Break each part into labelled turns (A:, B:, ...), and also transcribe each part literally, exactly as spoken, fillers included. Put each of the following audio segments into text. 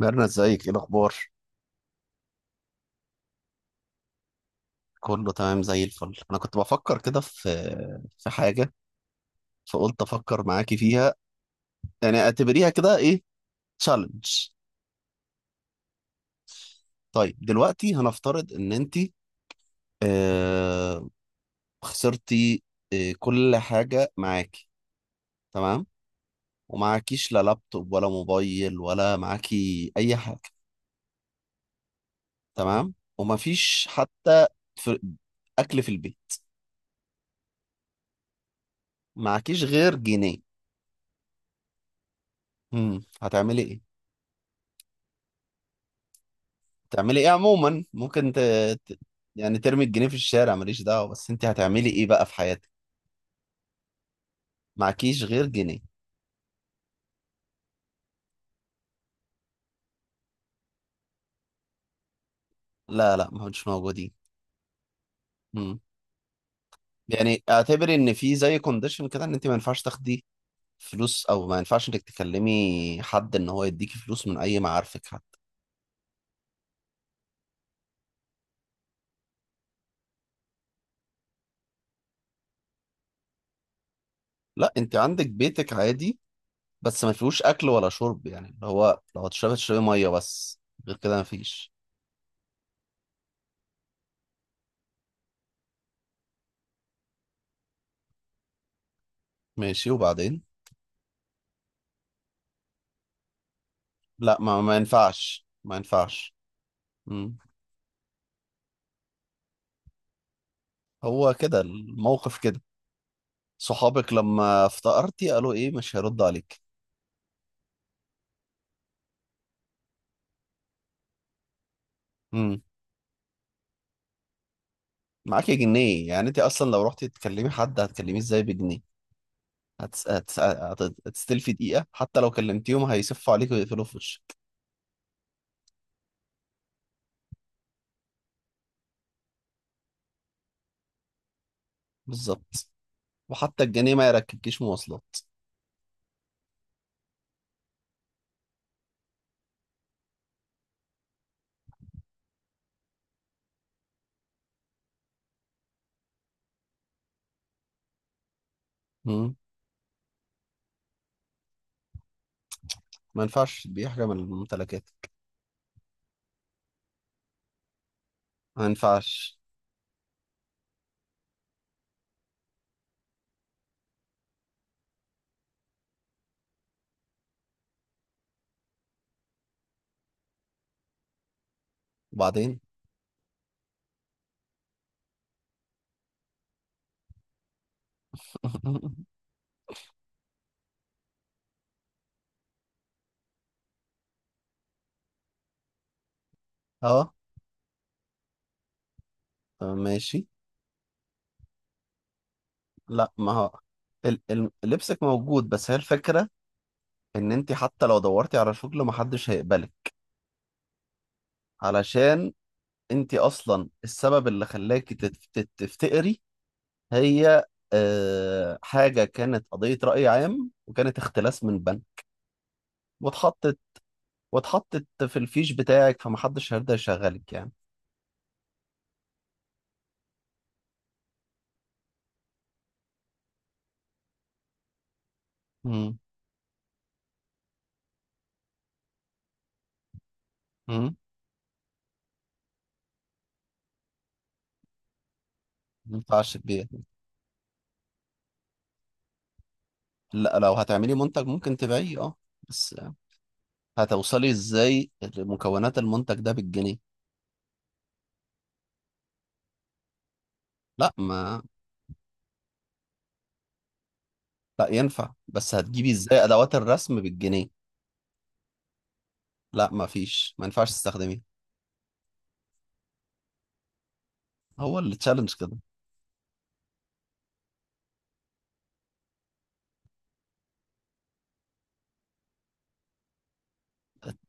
A: ميرنا ازيك؟ ايه الاخبار؟ كله تمام زي الفل. انا كنت بفكر كده في في حاجه، فقلت افكر معاكي فيها. يعني اعتبريها كده ايه، تشالنج. طيب دلوقتي هنفترض ان انت، آه خسرتي، آه كل حاجه معاكي، تمام؟ ومعاكيش لا لابتوب ولا موبايل ولا معاكي اي حاجه، تمام؟ ومفيش حتى في اكل في البيت، معاكيش غير جنيه. امم هتعملي ايه؟ تعملي ايه عموما؟ ممكن ت... ت... يعني ترمي الجنيه في الشارع ماليش دعوة، بس انت هتعملي ايه بقى في حياتك؟ معكيش غير جنيه. لا لا، ما مش موجودين. مم. يعني اعتبري ان في زي كونديشن كده ان انت ما ينفعش تاخدي فلوس، او ما ينفعش انك تكلمي حد ان هو يديكي فلوس من اي معارفك حتى. لا، انت عندك بيتك عادي، بس ما فيهوش اكل ولا شرب، يعني اللي هو لو هتشربي تشربي ميه بس. غير كده ما فيش. ماشي وبعدين؟ لا ما, ما ينفعش، ما ينفعش. مم. هو كده الموقف كده. صحابك لما افتقرتي قالوا ايه، مش هيرد عليك. امم. معاكي جنيه، يعني انت اصلا لو رحتي تكلمي حد هتكلميه ازاي بجنيه؟ هتس... هتس... هت- هتستلفي دقيقة حتى لو كلمتيهم هيسفوا عليك ويقفلوا في وشك. بالظبط. وحتى الجنيه ما يركبكيش مواصلات. امم. ما ينفعش تبيعي حاجة من الممتلكات. ما ينفعش. وبعدين؟ اه. طب ماشي. لا ما هو ال- ال- لبسك موجود، بس هي الفكرة ان انت حتى لو دورتي على شغل محدش هيقبلك. علشان انت اصلا السبب اللي خلاكي تت- تت- تفتقري هي، آه، حاجة كانت قضية رأي عام وكانت اختلاس من بنك. واتحطت، واتحطت في الفيش بتاعك، فمحدش هيرضى يشغلك يعني. مم. مم. ما ينفعش تبيع. لا لو هتعملي منتج ممكن تبيعيه، اه. بس هتوصلي ازاي لمكونات المنتج ده بالجنيه؟ لا ما لا، ينفع، بس هتجيبي ازاي ادوات الرسم بالجنيه؟ لا ما فيش، ما ينفعش تستخدميه. هو اللي تشالنج كده.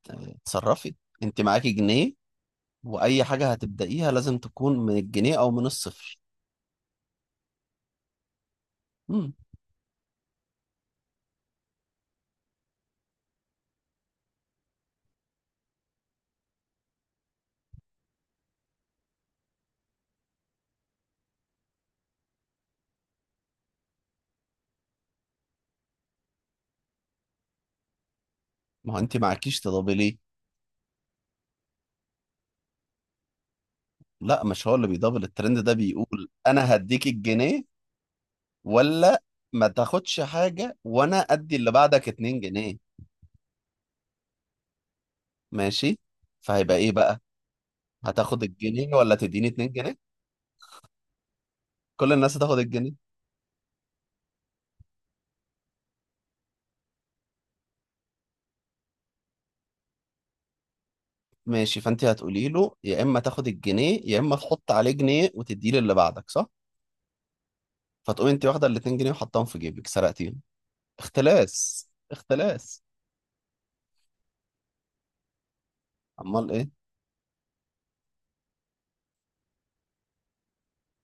A: يعني اتصرفي. انت معاكي جنيه، واي حاجه هتبدايها لازم تكون من الجنيه او من الصفر. امم. ما هو انت معاكيش تضابي ليه. لا، مش هو اللي بيضابل. الترند ده بيقول انا هديك الجنيه، ولا ما تاخدش حاجه وانا ادي اللي بعدك اتنين جنيه. ماشي، فهيبقى ايه بقى، هتاخد الجنيه ولا تديني اتنين جنيه؟ كل الناس هتاخد الجنيه. ماشي، فانت هتقولي له يا اما تاخد الجنيه يا اما تحط عليه جنيه وتديه للي بعدك، صح؟ فتقوم انت واخده ال اتنين جنيه وحطاهم في جيبك، سرقتيهم، اختلاس اختلاس. امال ايه؟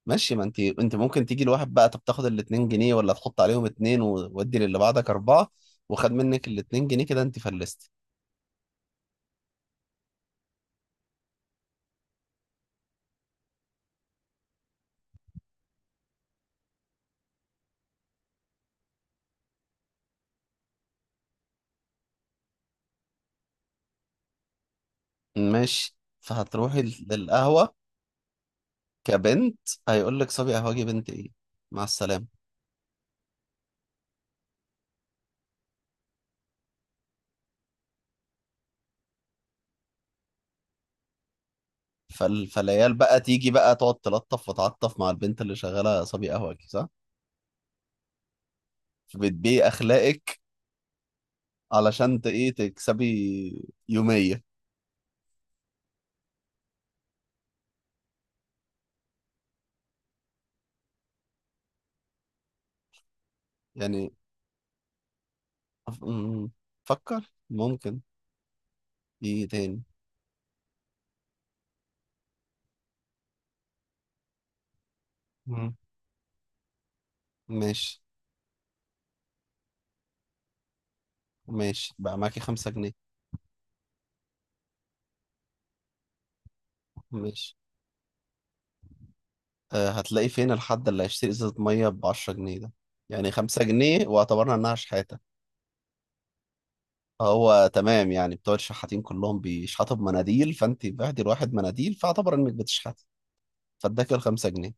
A: ماشي، ما انت انت ممكن تيجي لواحد بقى، طب تاخد ال اتنين جنيه ولا تحط عليهم اتنين وودي للي بعدك اربعه، وخد منك ال اتنين جنيه، كده انت فلستي. ماشي، فهتروحي للقهوه كبنت، هيقول لك صبي قهوجي بنت ايه، مع السلامه. فال... فالعيال بقى تيجي بقى تقعد تلطف وتعطف مع البنت اللي شغاله صبي قهوجي، صح؟ فبتبيعي اخلاقك علشان ت- ايه تكسبي يوميه يعني. أم، فكر. ممكن ايه تاني؟ مم. ماشي، ماشي بقى معاكي خمسة جنيه. ماشي، أه هتلاقي فين الحد اللي هيشتري ازازة مية بعشرة جنيه ده؟ يعني خمسة جنيه، واعتبرنا انها شحاتة. هو تمام، يعني بتوع الشحاتين كلهم بيشحتوا بمناديل، فانت بعتي لواحد مناديل، فاعتبر انك بتشحتي فاداكي الخمسة جنيه.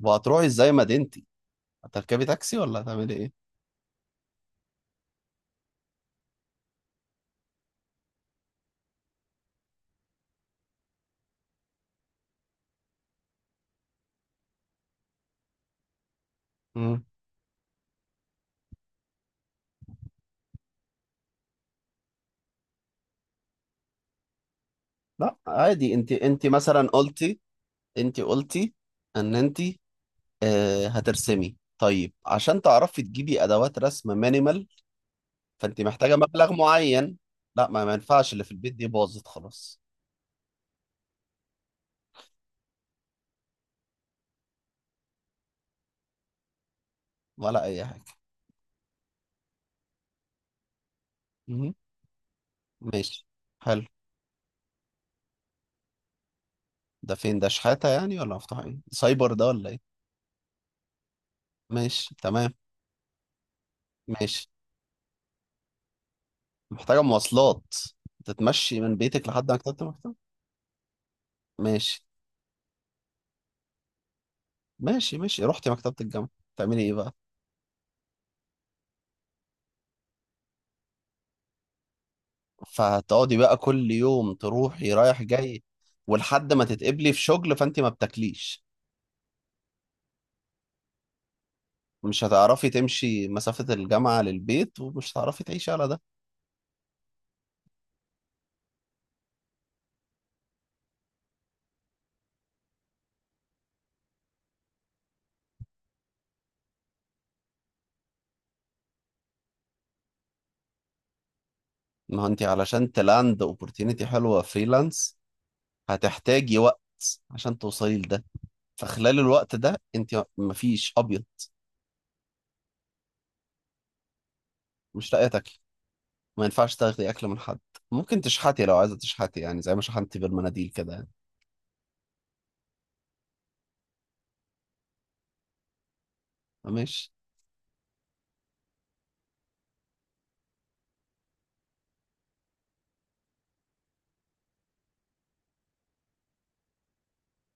A: وهتروحي ازاي مدينتي؟ هتركبي تاكسي ولا هتعملي ايه؟ مم. لا عادي، انت انت مثلا قلتي، انت قلتي ان انت، آه، هترسمي، طيب عشان تعرفي تجيبي ادوات رسم مينيمال فانت محتاجه مبلغ معين. لا ما، ما ينفعش اللي في البيت دي باظت خلاص. ولا اي حاجه. مهم. ماشي، حلو. ده فين ده، شحاته يعني، ولا مفتوح ايه، سايبر ده ولا ايه؟ ماشي تمام. ماشي، محتاجه مواصلات، تتمشي من بيتك لحد مكتبه المكتبه. ماشي. ماشي، ماشي رحتي مكتبه الجامعه، تعملي ايه بقى؟ فهتقعدي بقى كل يوم تروحي رايح جاي، ولحد ما تتقبلي في شغل فانت ما بتاكليش. مش هتعرفي تمشي مسافة الجامعة للبيت، ومش هتعرفي تعيشي على ده. ما هو انت علشان تلاند اوبورتينيتي حلوة فريلانس هتحتاجي وقت عشان توصلي لده. فخلال الوقت ده انت مفيش ابيض، مش لاقية تاكلي، ما ينفعش تاخدي اكل من حد. ممكن تشحتي لو عايزة تشحتي، يعني زي ما شحنتي بالمناديل كده يعني. ماشي.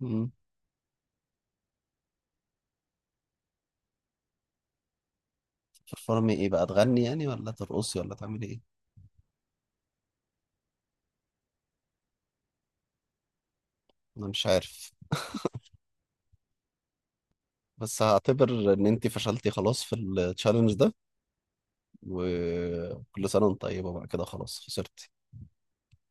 A: مم. ترفرمي ايه بقى، تغني يعني ولا ترقصي ولا تعملي ايه؟ انا مش عارف، بس هعتبر ان انت فشلتي خلاص في التشالنج ده، وكل سنة وانت طيبة بقى كده، خلاص خسرت.